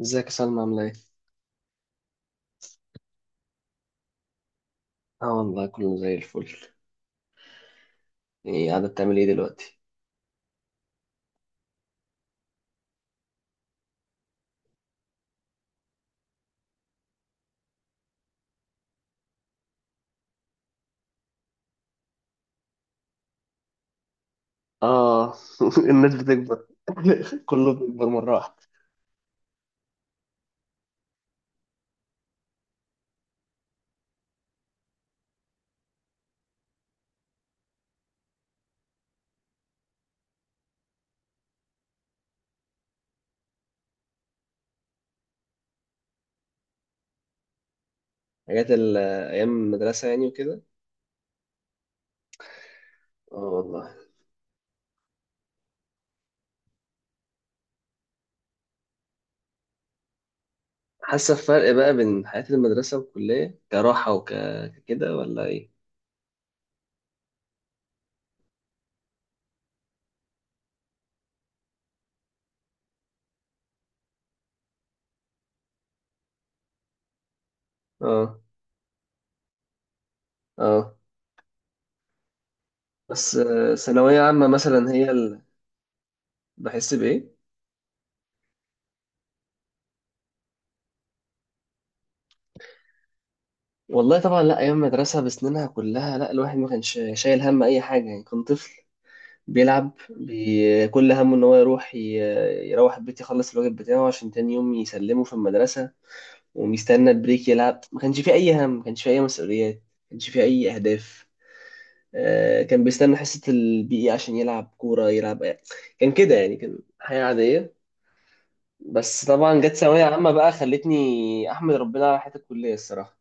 ازيك يا سلمى عاملة ايه؟ اه والله كله زي الفل. ايه قاعدة بتعمل ايه دلوقتي؟ اه. الناس بتكبر. كله بيكبر مرة واحدة. حاجات ال- أيام المدرسة يعني وكده. اه والله. حاسة بفرق بقى بين حياة المدرسة والكلية كراحة وكده ولا ايه؟ اه. اه بس ثانوية عامة مثلا بحس بإيه؟ والله طبعا، لا، أيام المدرسة بسنينها كلها، لا الواحد ما كانش شايل هم أي حاجة، يعني كان طفل كل همه ان هو يروح البيت يخلص الواجب بتاعه عشان تاني يوم يسلمه في المدرسة، ومستنى البريك يلعب، ما كانش فيه اي هم، ما كانش فيه اي مسؤوليات، ما كانش فيه اي اهداف. آه كان بيستنى حصة البي إي عشان يلعب كورة يلعب. كان كده يعني، كان حياة عادية. بس طبعا جت ثانوية عامة بقى خلتني احمد ربنا على حياة الكلية الصراحة.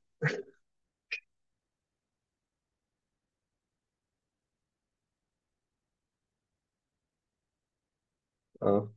اه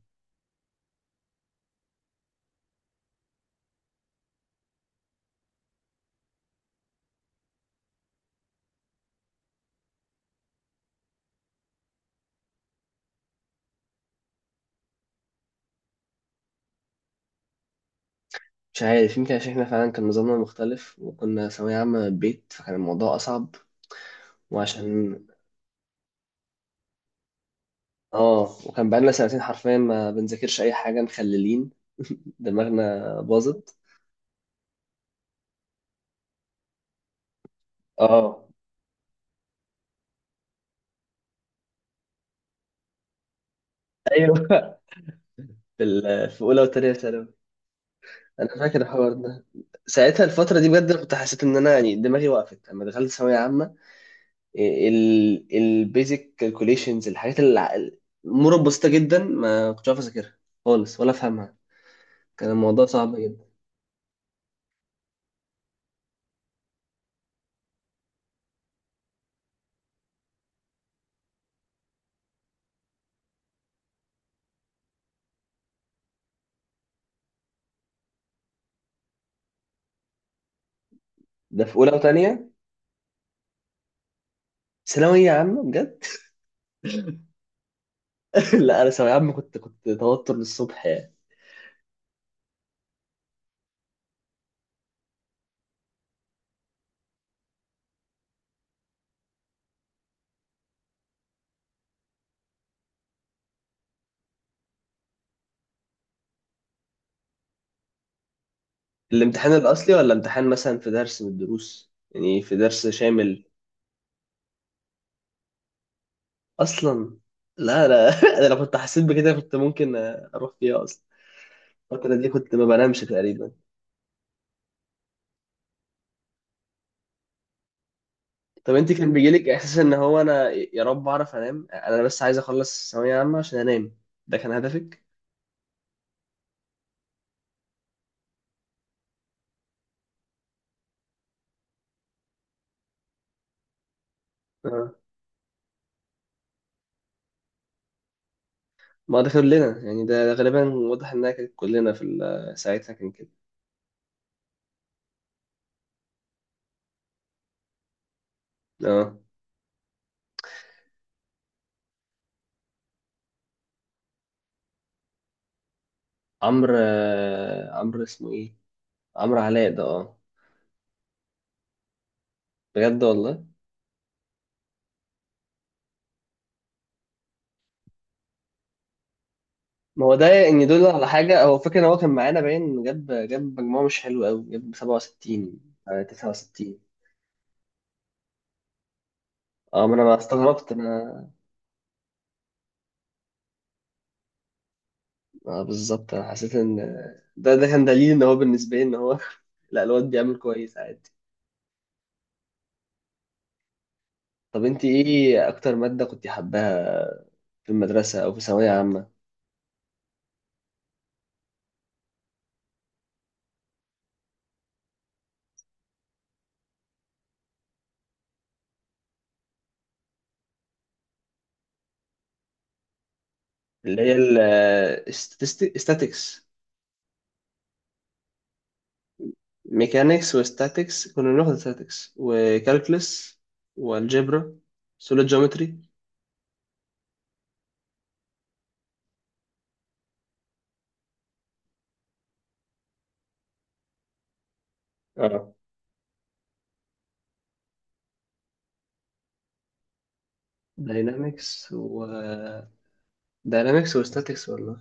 مش عارف، يمكن عشان احنا فعلا كان نظامنا مختلف وكنا ثانوية عامة من البيت فكان الموضوع أصعب. وعشان اه وكان بقالنا سنتين حرفيا ما بنذاكرش اي حاجه مخللين. دماغنا باظت. اه ايوه. في في اولى وثانيه ثانوي. انا فاكر الحوار ده. ساعتها الفتره دي بجد أنا كنت حسيت ان انا يعني دماغي وقفت لما دخلت ثانويه عامه. البيزك كالكوليشنز، الحاجات اللي، امور بسيطه جدا ما كنتش عارف اذاكرها خالص ولا افهمها. كان الموضوع صعب جدا. ده في اولى وثانيه. ثانويه عامه بجد. لا انا ثانويه عامه كنت توتر للصبح يعني. الامتحان الأصلي ولا امتحان مثلا في درس من الدروس يعني في درس شامل؟ أصلا لا لا. أنا لو كنت حسيت بكده كنت ممكن أروح فيها أصلا. الفترة دي كنت ما بنامش تقريبا. طب أنت كان بيجيلك إحساس إن هو أنا يا رب أعرف أنام، أنا بس عايز أخلص ثانوية عامة عشان أنام؟ ده كان هدفك؟ آه. ما ده كلنا يعني، ده غالبا واضح إنها كانت كلنا في ساعتها كان كده. آه عمرو، آه، عمرو اسمه إيه؟ عمرو علاء ده آه. بجد والله. ما هو ده ان دول على حاجه، هو فكره ان هو كان معانا باين جاب مجموعه مش حلوه قوي، جاب 67. آه، 69. اه ما انا ما استغربت انا. اه بالظبط انا حسيت ان ده كان دليل ان هو بالنسبه لي ان هو، لا الواد بيعمل كويس عادي. طب انت ايه اكتر ماده كنت حباها في المدرسه او في ثانويه عامه؟ اللي هي الاستاتيكس؟ ميكانيكس وستاتيكس، كنا بناخد statistics وكالكلس والجبرا، سوليد جيومتري. داينامكس و داينامكس وستاتكس والله.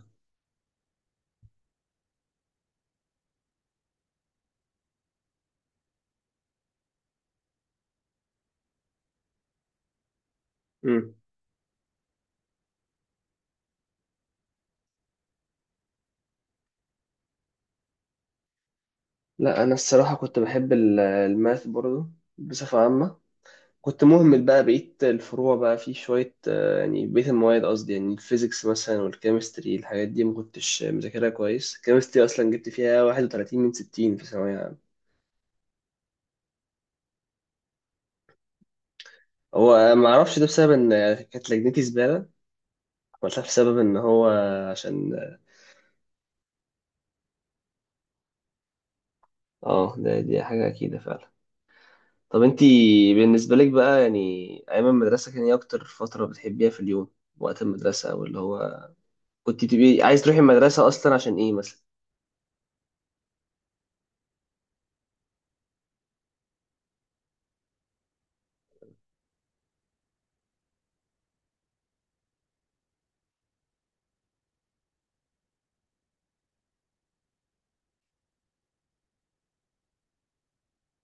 مم. لا انا الصراحه كنت بحب الماث برضه بصفه عامه. كنت مهمل بقى بقيه الفروع بقى في شويه، آه، يعني بقيه المواد قصدي، يعني الفيزيكس مثلا والكيمستري الحاجات دي ما كنتش مذاكرها كويس. الكيمستري اصلا جبت فيها 31 من 60 في ثانويه عامه. هو ما اعرفش ده بسبب ان كانت لجنتي زباله ولا بسبب ان هو، عشان. اه آه، ده دي حاجه اكيده فعلا. طب انتي بالنسبة لك بقى يعني أيام المدرسة كان ايه أكتر فترة بتحبيها في اليوم؟ وقت المدرسة أو اللي هو كنت تبقي عايز تروحي المدرسة أصلا عشان ايه مثلا؟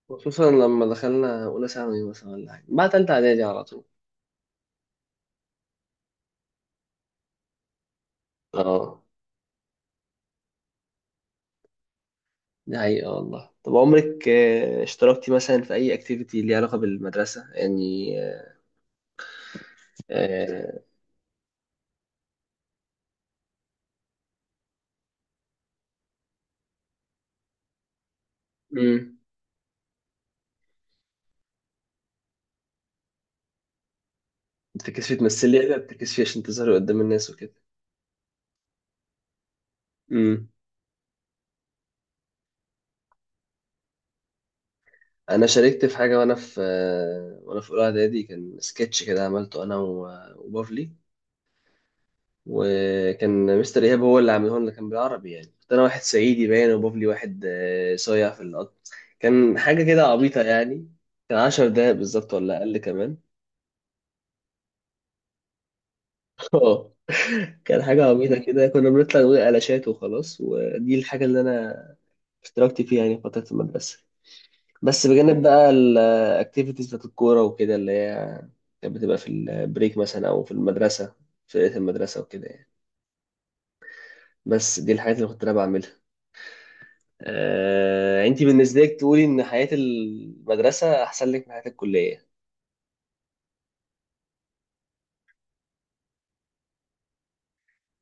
خصوصا لما دخلنا أولى ثانوي مثلا ولا حاجة، بعد تالتة إعدادي على طول. اه دي حقيقة والله. طب عمرك آه، اشتركتي مثلا في أي أكتيفيتي ليها علاقة بالمدرسة يعني؟ آه، امم. بتركز فيه تمثل لي، بتركز فيه عشان تظهري قدام الناس وكده. امم. انا شاركت في حاجه وانا في، وانا في اولى اعدادي، كان سكتش كده عملته انا وبافلي، وكان مستر ايهاب هو اللي عامله لنا، كان بالعربي يعني، كنت انا واحد صعيدي باين وبافلي واحد آه، صايع في القط. كان حاجه كده عبيطه يعني. كان عشر دقايق بالظبط ولا اقل كمان. اه كان حاجه عبيطه كده، كنا بنطلع نقول قلاشات وخلاص، ودي الحاجه اللي انا اشتركت فيها يعني في فتره المدرسه. بس بجانب بقى الاكتيفيتيز بتاعت الكورة وكده، اللي هي كانت بتبقى في البريك مثلا أو في المدرسة، في فرقة المدرسة وكده يعني. بس دي الحاجات اللي كنت أنا بعملها. آه، أنت بالنسبة لك تقولي إن حياة المدرسة أحسن لك من حياة الكلية.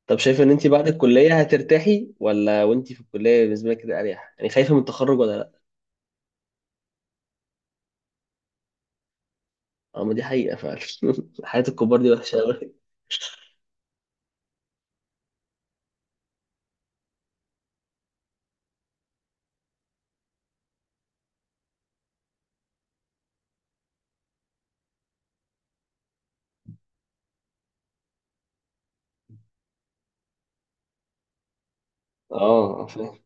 طب شايفة إن أنت بعد الكلية هترتاحي ولا وأنت في الكلية بالنسبة لك كده أريح؟ يعني خايفة من التخرج ولا لأ؟ أه ما دي حقيقة فعلا. حياة الكبار دي وحشة أوي. أه فاهم.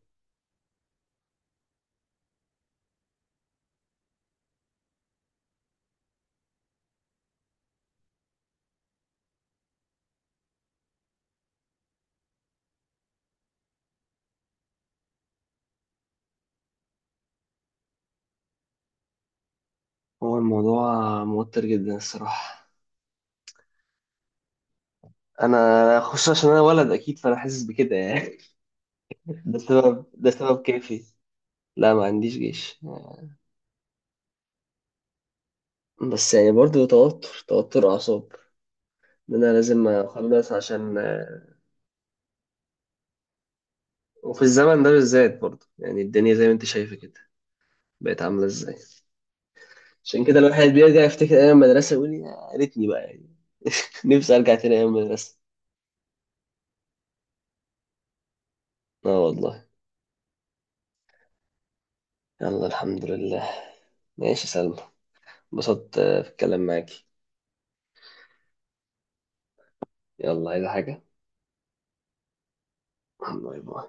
هو الموضوع موتر جدا الصراحة. انا خصوصا عشان انا ولد اكيد فانا حاسس بكده يعني. ده سبب، ده سبب كافي. لا ما عنديش جيش. بس يعني برضو توتر، توتر اعصاب ان انا لازم اخلص عشان. وفي الزمن ده بالذات برضو يعني، الدنيا زي ما انت شايفه كده بقت عامله ازاي. عشان كده الواحد بيرجع يفتكر ايام المدرسه يقول يا ريتني بقى يعني. نفسي ارجع تاني ايام المدرسه. اه والله. يلا الحمد لله. ماشي يا سلمى، انبسطت آه، في الكلام معاكي. يلا عايزه حاجه؟ باي باي.